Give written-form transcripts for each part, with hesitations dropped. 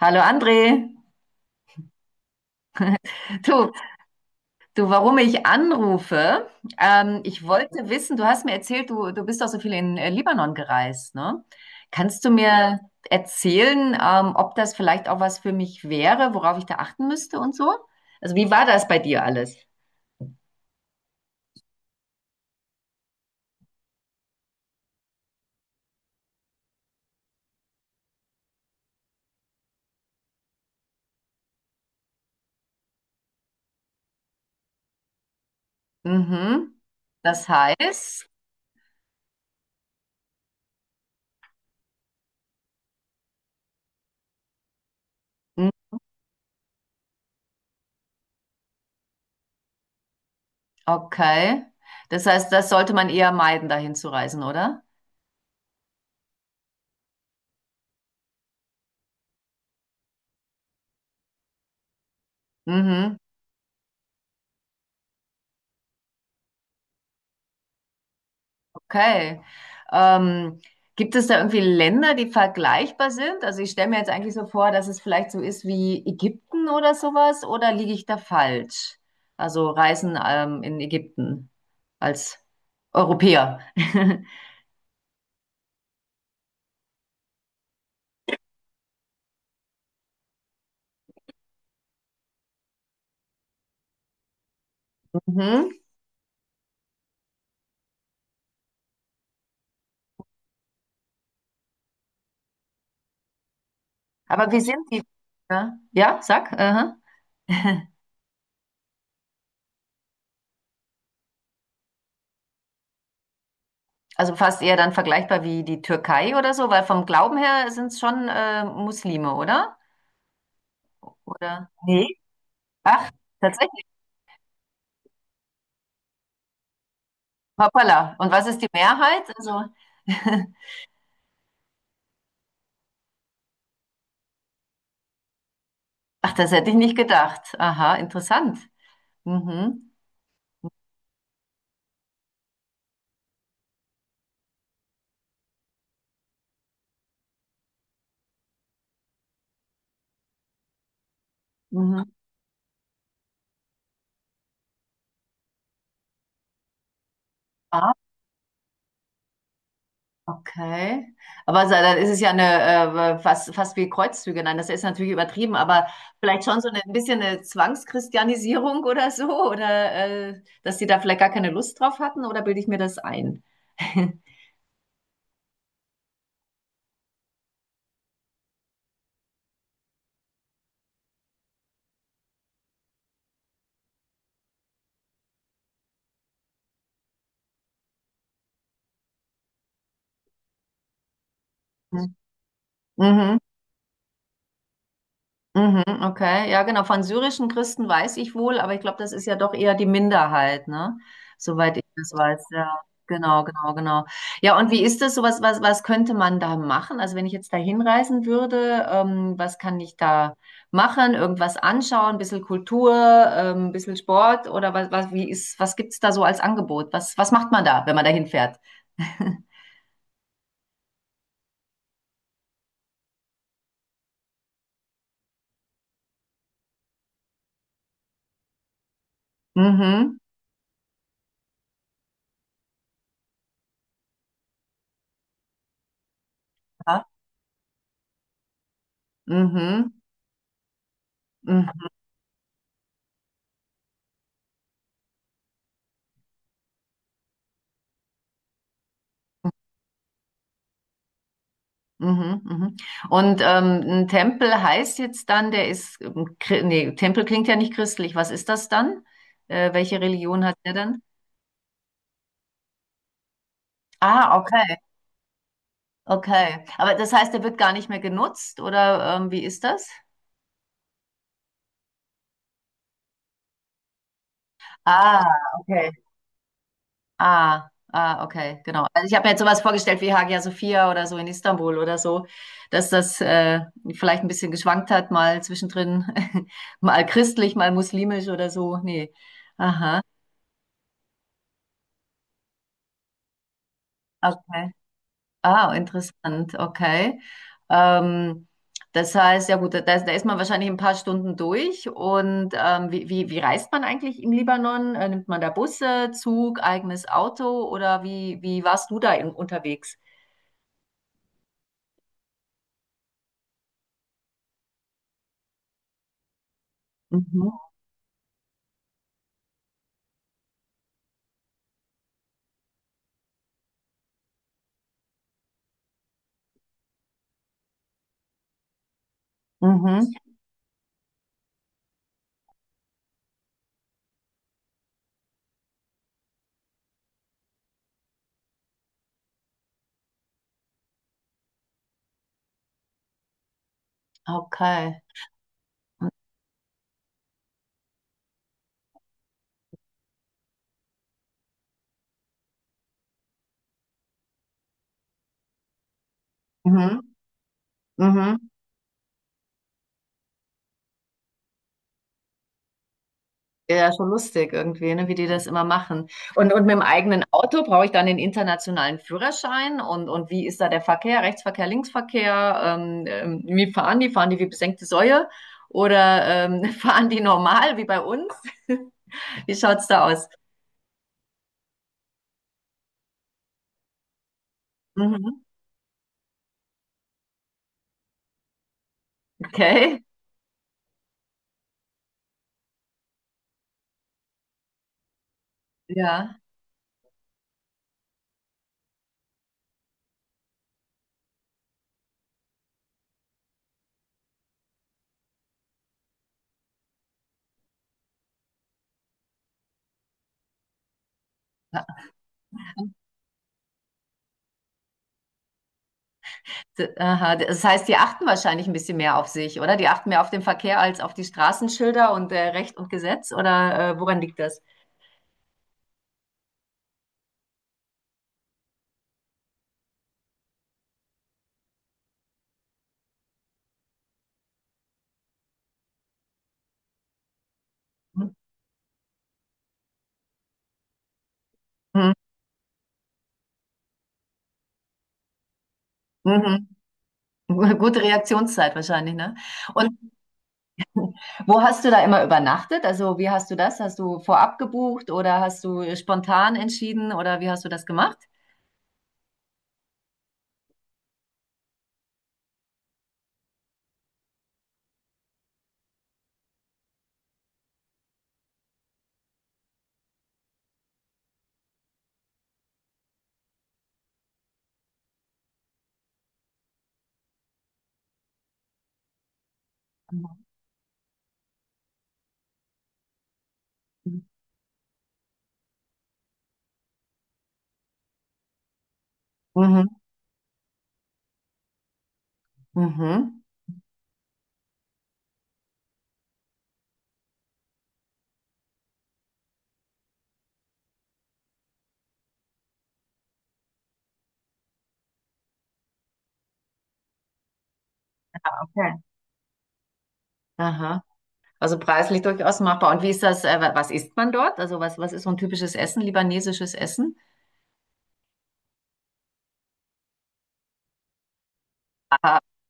Hallo André. Du, du, warum ich anrufe? Ich wollte wissen, du hast mir erzählt, du bist auch so viel in Libanon gereist, ne? Kannst du mir erzählen, ob das vielleicht auch was für mich wäre, worauf ich da achten müsste und so? Also, wie war das bei dir alles? Mhm. Das heißt, mhm, okay. Das heißt, das sollte man eher meiden, dahin zu reisen, oder? Mhm. Okay. Ähm, Gibt es da irgendwie Länder, die vergleichbar sind? Also ich stelle mir jetzt eigentlich so vor, dass es vielleicht so ist wie Ägypten oder sowas, oder liege ich da falsch? Also Reisen in Ägypten als Europäer. Mhm. Aber wie sind die? Ja, ja, sag. Aha. Also fast eher dann vergleichbar wie die Türkei oder so, weil vom Glauben her sind es schon Muslime, oder? Oder? Nee. Ach, hoppala. Und was ist die Mehrheit? Also, ach, das hätte ich nicht gedacht. Aha, interessant. Mhm. Mhm. Ah, okay. Aber so, dann ist es ja eine, fast wie Kreuzzüge. Nein, das ist natürlich übertrieben, aber vielleicht schon so eine, ein bisschen eine Zwangschristianisierung oder so, oder dass die da vielleicht gar keine Lust drauf hatten, oder bilde ich mir das ein? Mhm. Mhm, okay, ja genau. Von syrischen Christen weiß ich wohl, aber ich glaube, das ist ja doch eher die Minderheit, ne? Soweit ich das weiß, ja. Genau, genau, genau. Ja, und wie ist das? So was, was könnte man da machen? Also wenn ich jetzt da hinreisen würde, was kann ich da machen? Irgendwas anschauen, ein bisschen Kultur, ein bisschen Sport oder was, was, wie ist, was gibt's da so als Angebot? Was, was macht man da, wenn man da hinfährt? Mhm. Ja. Mhm. Mhm. Mhm, mhm. Und ein Tempel heißt jetzt dann, der ist, nee, Tempel klingt ja nicht christlich. Was ist das dann? Welche Religion hat der dann? Ah, okay, okay. Aber das heißt, der wird gar nicht mehr genutzt oder wie ist das? Ah, okay. Ah, ah, okay, genau. Also ich habe mir jetzt sowas vorgestellt wie Hagia Sophia oder so in Istanbul oder so, dass das vielleicht ein bisschen geschwankt hat, mal zwischendrin, mal christlich, mal muslimisch oder so. Nee. Aha, okay. Ah, interessant, okay. Ähm, Das heißt, ja gut, da ist man wahrscheinlich in ein paar Stunden durch. Und wie reist man eigentlich im Libanon? Nimmt man da Busse, Zug, eigenes Auto oder wie, wie warst du da in, unterwegs? Mhm. Mhm. Okay. Mhm. Mhm. Ja, ja, schon lustig irgendwie, ne, wie die das immer machen. Und mit dem eigenen Auto brauche ich dann den internationalen Führerschein und wie ist da der Verkehr, Rechtsverkehr, Linksverkehr? Wie fahren die? Fahren die wie besenkte Säue? Oder fahren die normal wie bei uns? Wie schaut's da aus? Mhm. Okay. Ja. D- Aha. Das heißt, die achten wahrscheinlich ein bisschen mehr auf sich, oder? Die achten mehr auf den Verkehr als auf die Straßenschilder und Recht und Gesetz, oder woran liegt das? Mhm. Mhm. Gute Reaktionszeit wahrscheinlich, ne? Und wo hast du da immer übernachtet? Also wie hast du das? Hast du vorab gebucht oder hast du spontan entschieden oder wie hast du das gemacht? Mhm. Mhm. Okay. Aha. Also preislich durchaus machbar. Und wie ist das, was isst man dort? Also was, was ist so ein typisches Essen, libanesisches Essen?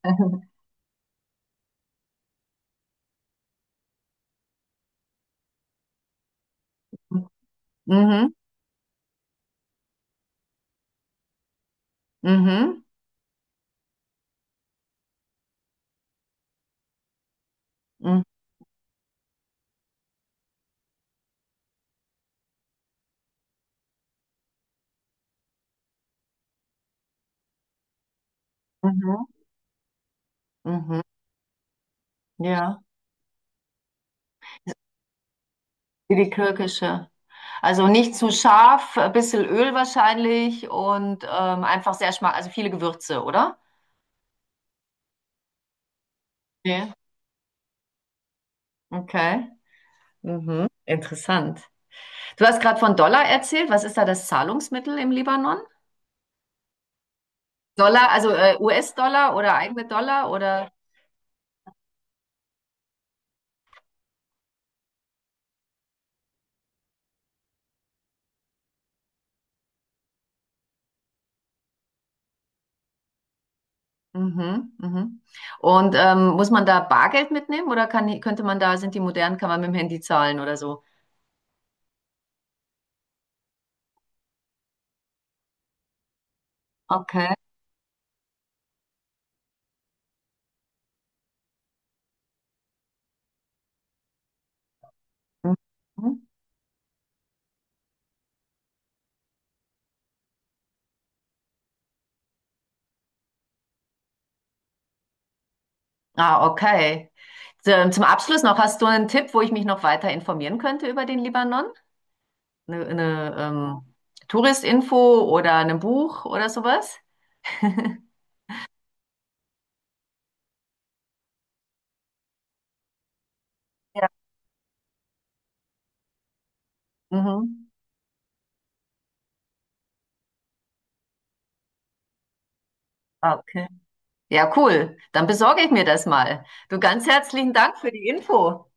Mhm. Mhm. Mhm. Mhm. Mhm. Mhm. Ja. Wie die türkische. Also nicht zu scharf, ein bisschen Öl wahrscheinlich und einfach sehr schmack, also viele Gewürze, oder? Nee. Okay. Mhm. Interessant. Du hast gerade von Dollar erzählt. Was ist da das Zahlungsmittel im Libanon? Dollar, also US-Dollar oder eigene Dollar oder? Mhm, mhm. Und muss man da Bargeld mitnehmen oder kann, könnte man da, sind die modern, kann man mit dem Handy zahlen oder so? Okay. Mhm. Ah, okay. Zum Abschluss noch, hast du einen Tipp, wo ich mich noch weiter informieren könnte über den Libanon? Eine Touristinfo oder ein Buch oder sowas? Ja, mhm. Ah, okay. Ja, cool. Dann besorge ich mir das mal. Du, ganz herzlichen Dank für die Info.